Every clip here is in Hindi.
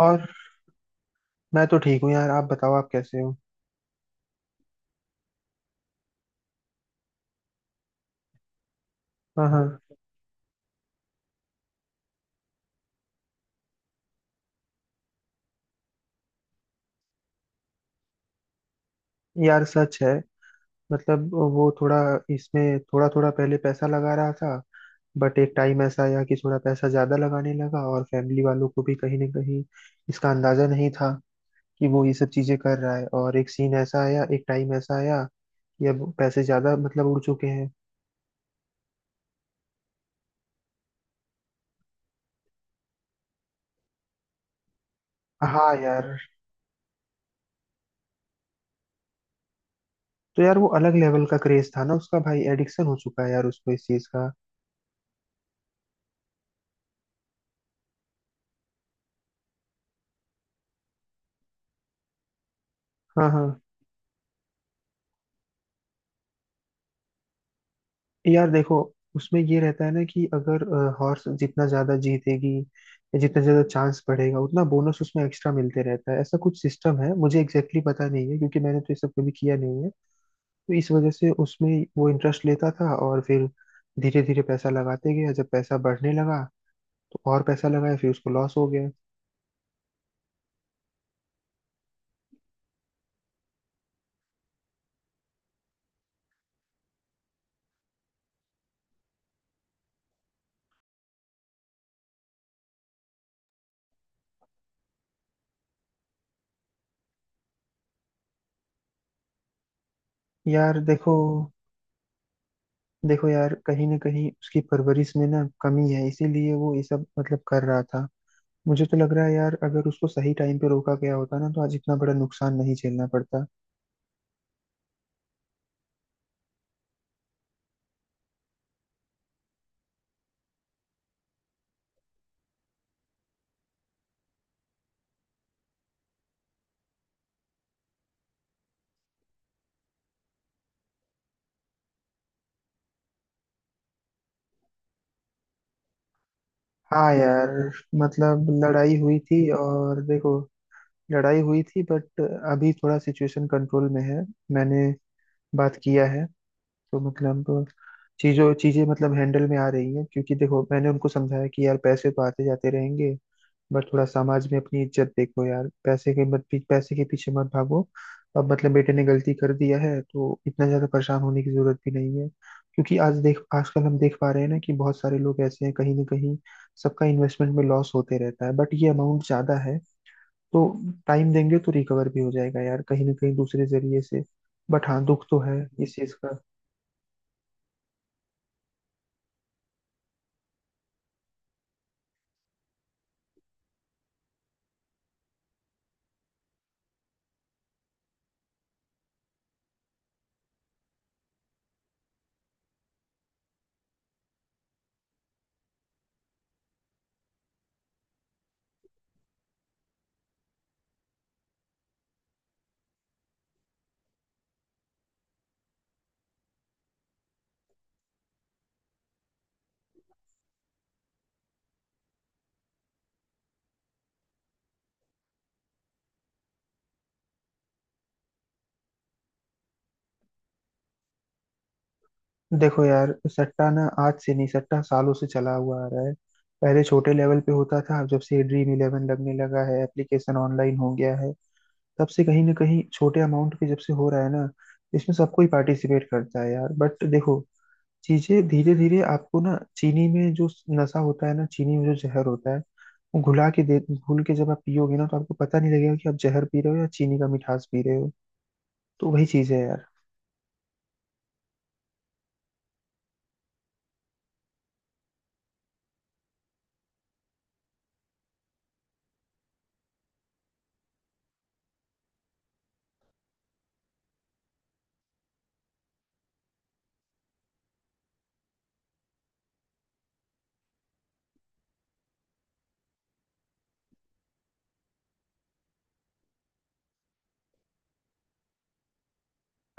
और मैं तो ठीक हूँ यार। आप बताओ, आप कैसे हो। हाँ हाँ, यार सच है। मतलब वो थोड़ा, इसमें थोड़ा थोड़ा पहले पैसा लगा रहा था। बट एक टाइम ऐसा आया कि थोड़ा पैसा ज्यादा लगाने लगा, और फैमिली वालों को भी कहीं ना कहीं इसका अंदाजा नहीं था कि वो ये सब चीजें कर रहा है। और एक सीन ऐसा आया, एक टाइम ऐसा आया कि अब पैसे ज्यादा मतलब उड़ चुके हैं। हाँ यार। तो यार वो अलग लेवल का क्रेज था ना उसका। भाई एडिक्शन हो चुका है यार उसको इस चीज का। हाँ हाँ। यार देखो, उसमें ये रहता है ना कि अगर हॉर्स जितना ज्यादा जीतेगी या जितना ज्यादा चांस बढ़ेगा उतना बोनस उसमें एक्स्ट्रा मिलते रहता है। ऐसा कुछ सिस्टम है, मुझे एग्जैक्टली exactly पता नहीं है क्योंकि मैंने तो ये सब कभी किया नहीं है। तो इस वजह से उसमें वो इंटरेस्ट लेता था, और फिर धीरे धीरे पैसा लगाते गया। जब पैसा बढ़ने लगा तो और पैसा लगाया, फिर उसको लॉस हो गया। यार देखो। देखो यार, कहीं ना कहीं उसकी परवरिश में ना कमी है, इसीलिए वो ये सब मतलब कर रहा था। मुझे तो लग रहा है यार, अगर उसको सही टाइम पे रोका गया होता ना तो आज इतना बड़ा नुकसान नहीं झेलना पड़ता। हाँ यार, मतलब लड़ाई हुई थी। और देखो, लड़ाई हुई थी बट अभी थोड़ा सिचुएशन कंट्रोल में है। मैंने बात किया है, तो मतलब चीजों चीजें मतलब हैंडल में आ रही हैं। क्योंकि देखो, मैंने उनको समझाया कि यार पैसे तो आते जाते रहेंगे, बट थोड़ा समाज में अपनी इज्जत देखो यार। पैसे के मत, पैसे के पीछे मत भागो। अब मतलब बेटे ने गलती कर दिया है तो इतना ज्यादा परेशान होने की जरूरत भी नहीं है। क्योंकि आज देख, आजकल हम देख पा रहे हैं ना कि बहुत सारे लोग ऐसे हैं कहीं ना कहीं, सबका इन्वेस्टमेंट में लॉस होते रहता है। बट ये अमाउंट ज्यादा है, तो टाइम देंगे तो रिकवर भी हो जाएगा यार, कहीं ना कहीं दूसरे जरिए से। बट हाँ, दुख तो है इस चीज। देखो यार सट्टा ना आज से नहीं, सट्टा सालों से चला हुआ आ रहा है। पहले छोटे लेवल पे होता था, अब जब से ड्रीम इलेवन लगने लगा है, एप्लीकेशन ऑनलाइन हो गया है, तब से कहीं ना कहीं छोटे अमाउंट पे जब से हो रहा है ना, इसमें सबको ही पार्टिसिपेट करता है यार। बट देखो, चीजें धीरे धीरे आपको ना, चीनी में जो नशा होता है ना, चीनी में जो जहर होता है, वो घुला के दे, घुल के जब आप पियोगे ना तो आपको पता नहीं लगेगा कि आप जहर पी रहे हो या चीनी का मिठास पी रहे हो। तो वही चीज है यार।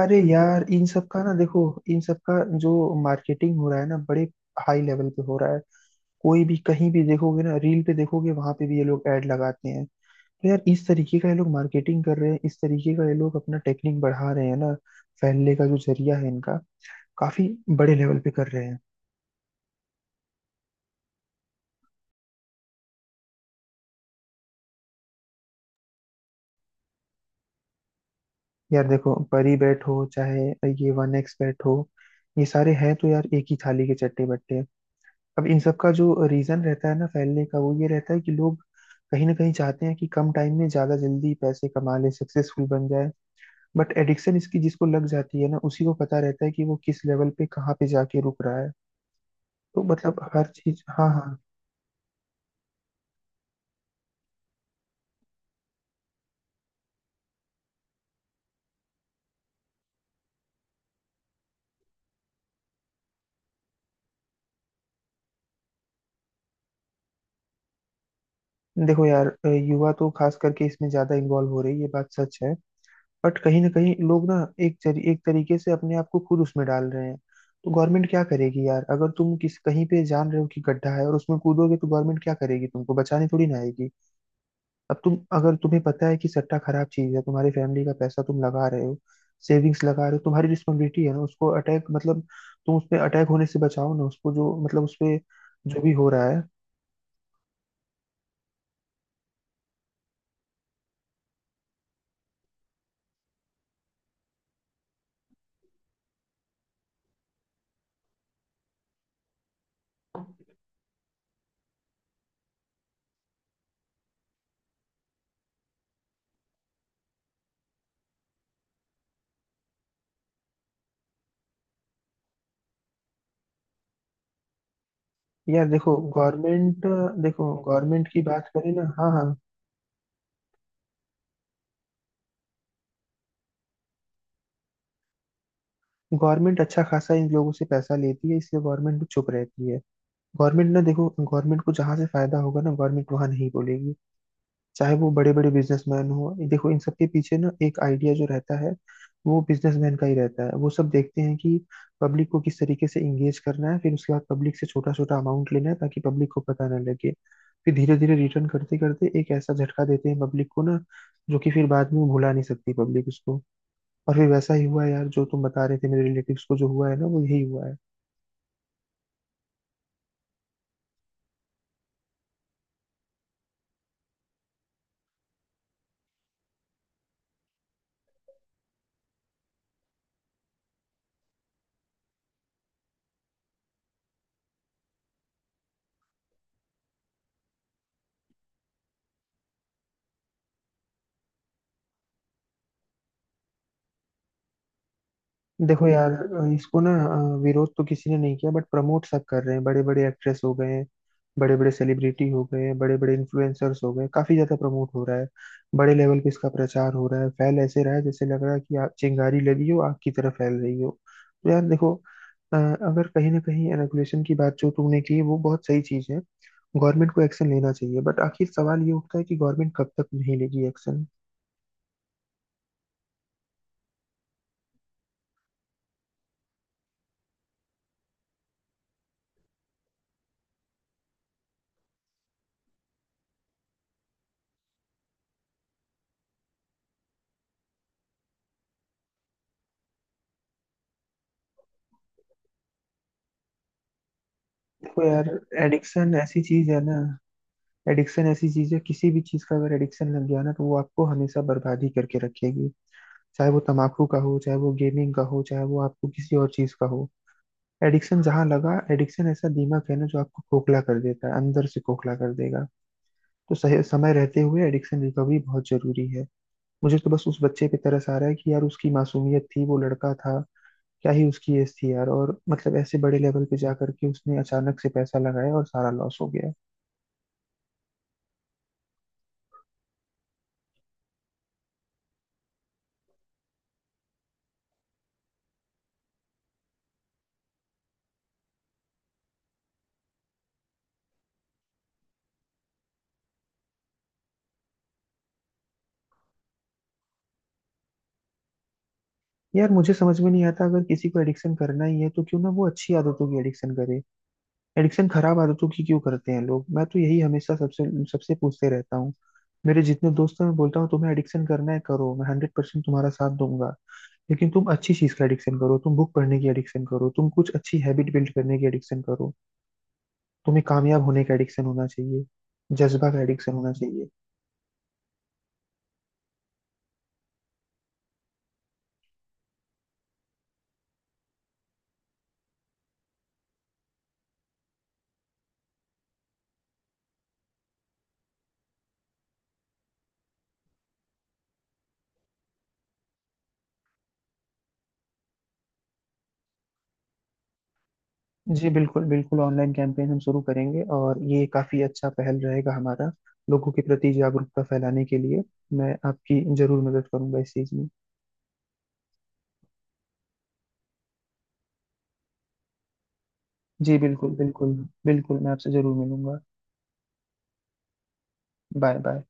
अरे यार इन सब का ना देखो, इन सब का जो मार्केटिंग हो रहा है ना, बड़े हाई लेवल पे हो रहा है। कोई भी कहीं भी देखोगे ना, रील पे देखोगे वहां पे भी ये लोग ऐड लगाते हैं। तो यार इस तरीके का ये लोग मार्केटिंग कर रहे हैं, इस तरीके का ये लोग अपना टेक्निक बढ़ा रहे हैं ना, फैलने का जो जरिया है इनका, काफी बड़े लेवल पे कर रहे हैं। यार देखो, परी बैट हो चाहे ये वन एक्स बैट हो, ये सारे हैं तो यार एक ही थाली के चट्टे बट्टे। अब इन सब का जो रीजन रहता है ना फैलने का, वो ये रहता है कि लोग कहीं ना कहीं चाहते हैं कि कम टाइम में ज्यादा जल्दी पैसे कमा ले, सक्सेसफुल बन जाए। बट एडिक्शन इसकी जिसको लग जाती है ना, उसी को पता रहता है कि वो किस लेवल पे कहाँ पे जाके रुक रहा है। तो मतलब हर चीज। हाँ हाँ। देखो यार, युवा तो खास करके इसमें ज्यादा इन्वॉल्व हो रही है, ये बात सच है। बट कहीं ना कहीं लोग ना एक तरीके से अपने आप को खुद उसमें डाल रहे हैं। तो गवर्नमेंट क्या करेगी यार, अगर तुम किस कहीं पे जान रहे हो कि गड्ढा है और उसमें कूदोगे तो गवर्नमेंट क्या करेगी, तुमको बचाने थोड़ी ना आएगी। अब तुम, अगर तुम्हें पता है कि सट्टा खराब चीज है, तुम्हारी फैमिली का पैसा तुम लगा रहे हो, सेविंग्स लगा रहे हो, तुम्हारी रिस्पॉन्सिबिलिटी है ना उसको अटैक, मतलब तुम उस पे अटैक होने से बचाओ ना उसको, जो मतलब उस पे जो भी हो रहा है। यार देखो गवर्नमेंट, देखो गवर्नमेंट की बात करें ना। हाँ हाँ। गवर्नमेंट अच्छा खासा इन लोगों से पैसा लेती है, इसलिए गवर्नमेंट भी चुप रहती है। गवर्नमेंट ना, देखो गवर्नमेंट को जहां से फायदा होगा ना, गवर्नमेंट वहां नहीं बोलेगी। चाहे वो बड़े बड़े बिजनेसमैन हो, देखो इन सबके पीछे ना एक आइडिया जो रहता है, वो बिजनेसमैन का ही रहता है। वो सब देखते हैं कि पब्लिक को किस तरीके से इंगेज करना है, फिर उसके बाद पब्लिक से छोटा छोटा अमाउंट लेना है ताकि पब्लिक को पता ना लगे। फिर धीरे धीरे रिटर्न करते करते एक ऐसा झटका देते हैं पब्लिक को ना, जो कि फिर बाद में वो भुला नहीं सकती पब्लिक उसको। और फिर वैसा ही हुआ यार, जो तुम बता रहे थे मेरे रिलेटिव्स को जो हुआ है ना, वो यही हुआ है। देखो यार, इसको ना विरोध तो किसी ने नहीं किया बट प्रमोट सब कर रहे हैं। बड़े बड़े एक्ट्रेस हो गए हैं, बड़े बड़े सेलिब्रिटी हो गए हैं, बड़े बड़े इन्फ्लुएंसर्स हो गए हैं, काफी ज्यादा प्रमोट हो रहा है। बड़े लेवल पे इसका प्रचार हो रहा है, फैल ऐसे रहा है जैसे लग रहा है कि चिंगारी लगी हो, आग की तरह फैल रही हो। तो यार देखो, अगर कहीं ना कहीं रेगुलेशन की बात जो तुमने की वो बहुत सही चीज है। गवर्नमेंट को एक्शन लेना चाहिए, बट आखिर सवाल ये उठता है कि गवर्नमेंट कब तक नहीं लेगी एक्शन। देखो यार एडिक्शन ऐसी चीज है ना, एडिक्शन ऐसी चीज है, किसी भी चीज का अगर एडिक्शन लग गया ना तो वो आपको हमेशा बर्बादी करके रखेगी। चाहे वो तंबाकू का हो, चाहे वो गेमिंग का हो, चाहे वो आपको किसी और चीज का हो। एडिक्शन जहां लगा, एडिक्शन ऐसा दिमाग है ना जो आपको खोखला कर देता है, अंदर से खोखला कर देगा। तो सही समय रहते हुए एडिक्शन रिकवरी बहुत जरूरी है। मुझे तो बस उस बच्चे पे तरस आ रहा है कि यार उसकी मासूमियत थी, वो लड़का था, क्या ही उसकी एज थी यार। और मतलब ऐसे बड़े लेवल पे जा करके उसने अचानक से पैसा लगाया और सारा लॉस हो गया। यार मुझे समझ में नहीं आता, अगर किसी को एडिक्शन करना ही है तो क्यों ना वो अच्छी आदतों की एडिक्शन करे। एडिक्शन खराब आदतों की क्यों करते हैं लोग, मैं तो यही हमेशा सबसे सबसे पूछते रहता हूँ। मेरे जितने दोस्त हैं मैं बोलता हूँ तुम्हें एडिक्शन करना है करो, मैं 100% तुम्हारा साथ दूंगा। लेकिन तुम अच्छी चीज का एडिक्शन करो, तुम बुक पढ़ने की एडिक्शन करो, तुम कुछ अच्छी हैबिट बिल्ड करने की एडिक्शन करो। तुम्हें कामयाब होने का एडिक्शन होना चाहिए, जज्बा का एडिक्शन होना चाहिए। जी बिल्कुल बिल्कुल, ऑनलाइन कैंपेन हम शुरू करेंगे और ये काफी अच्छा पहल रहेगा हमारा, लोगों के प्रति जागरूकता फैलाने के लिए। मैं आपकी जरूर मदद करूंगा इस चीज में। जी बिल्कुल बिल्कुल। बिल्कुल, मैं आपसे जरूर मिलूंगा। Bye bye.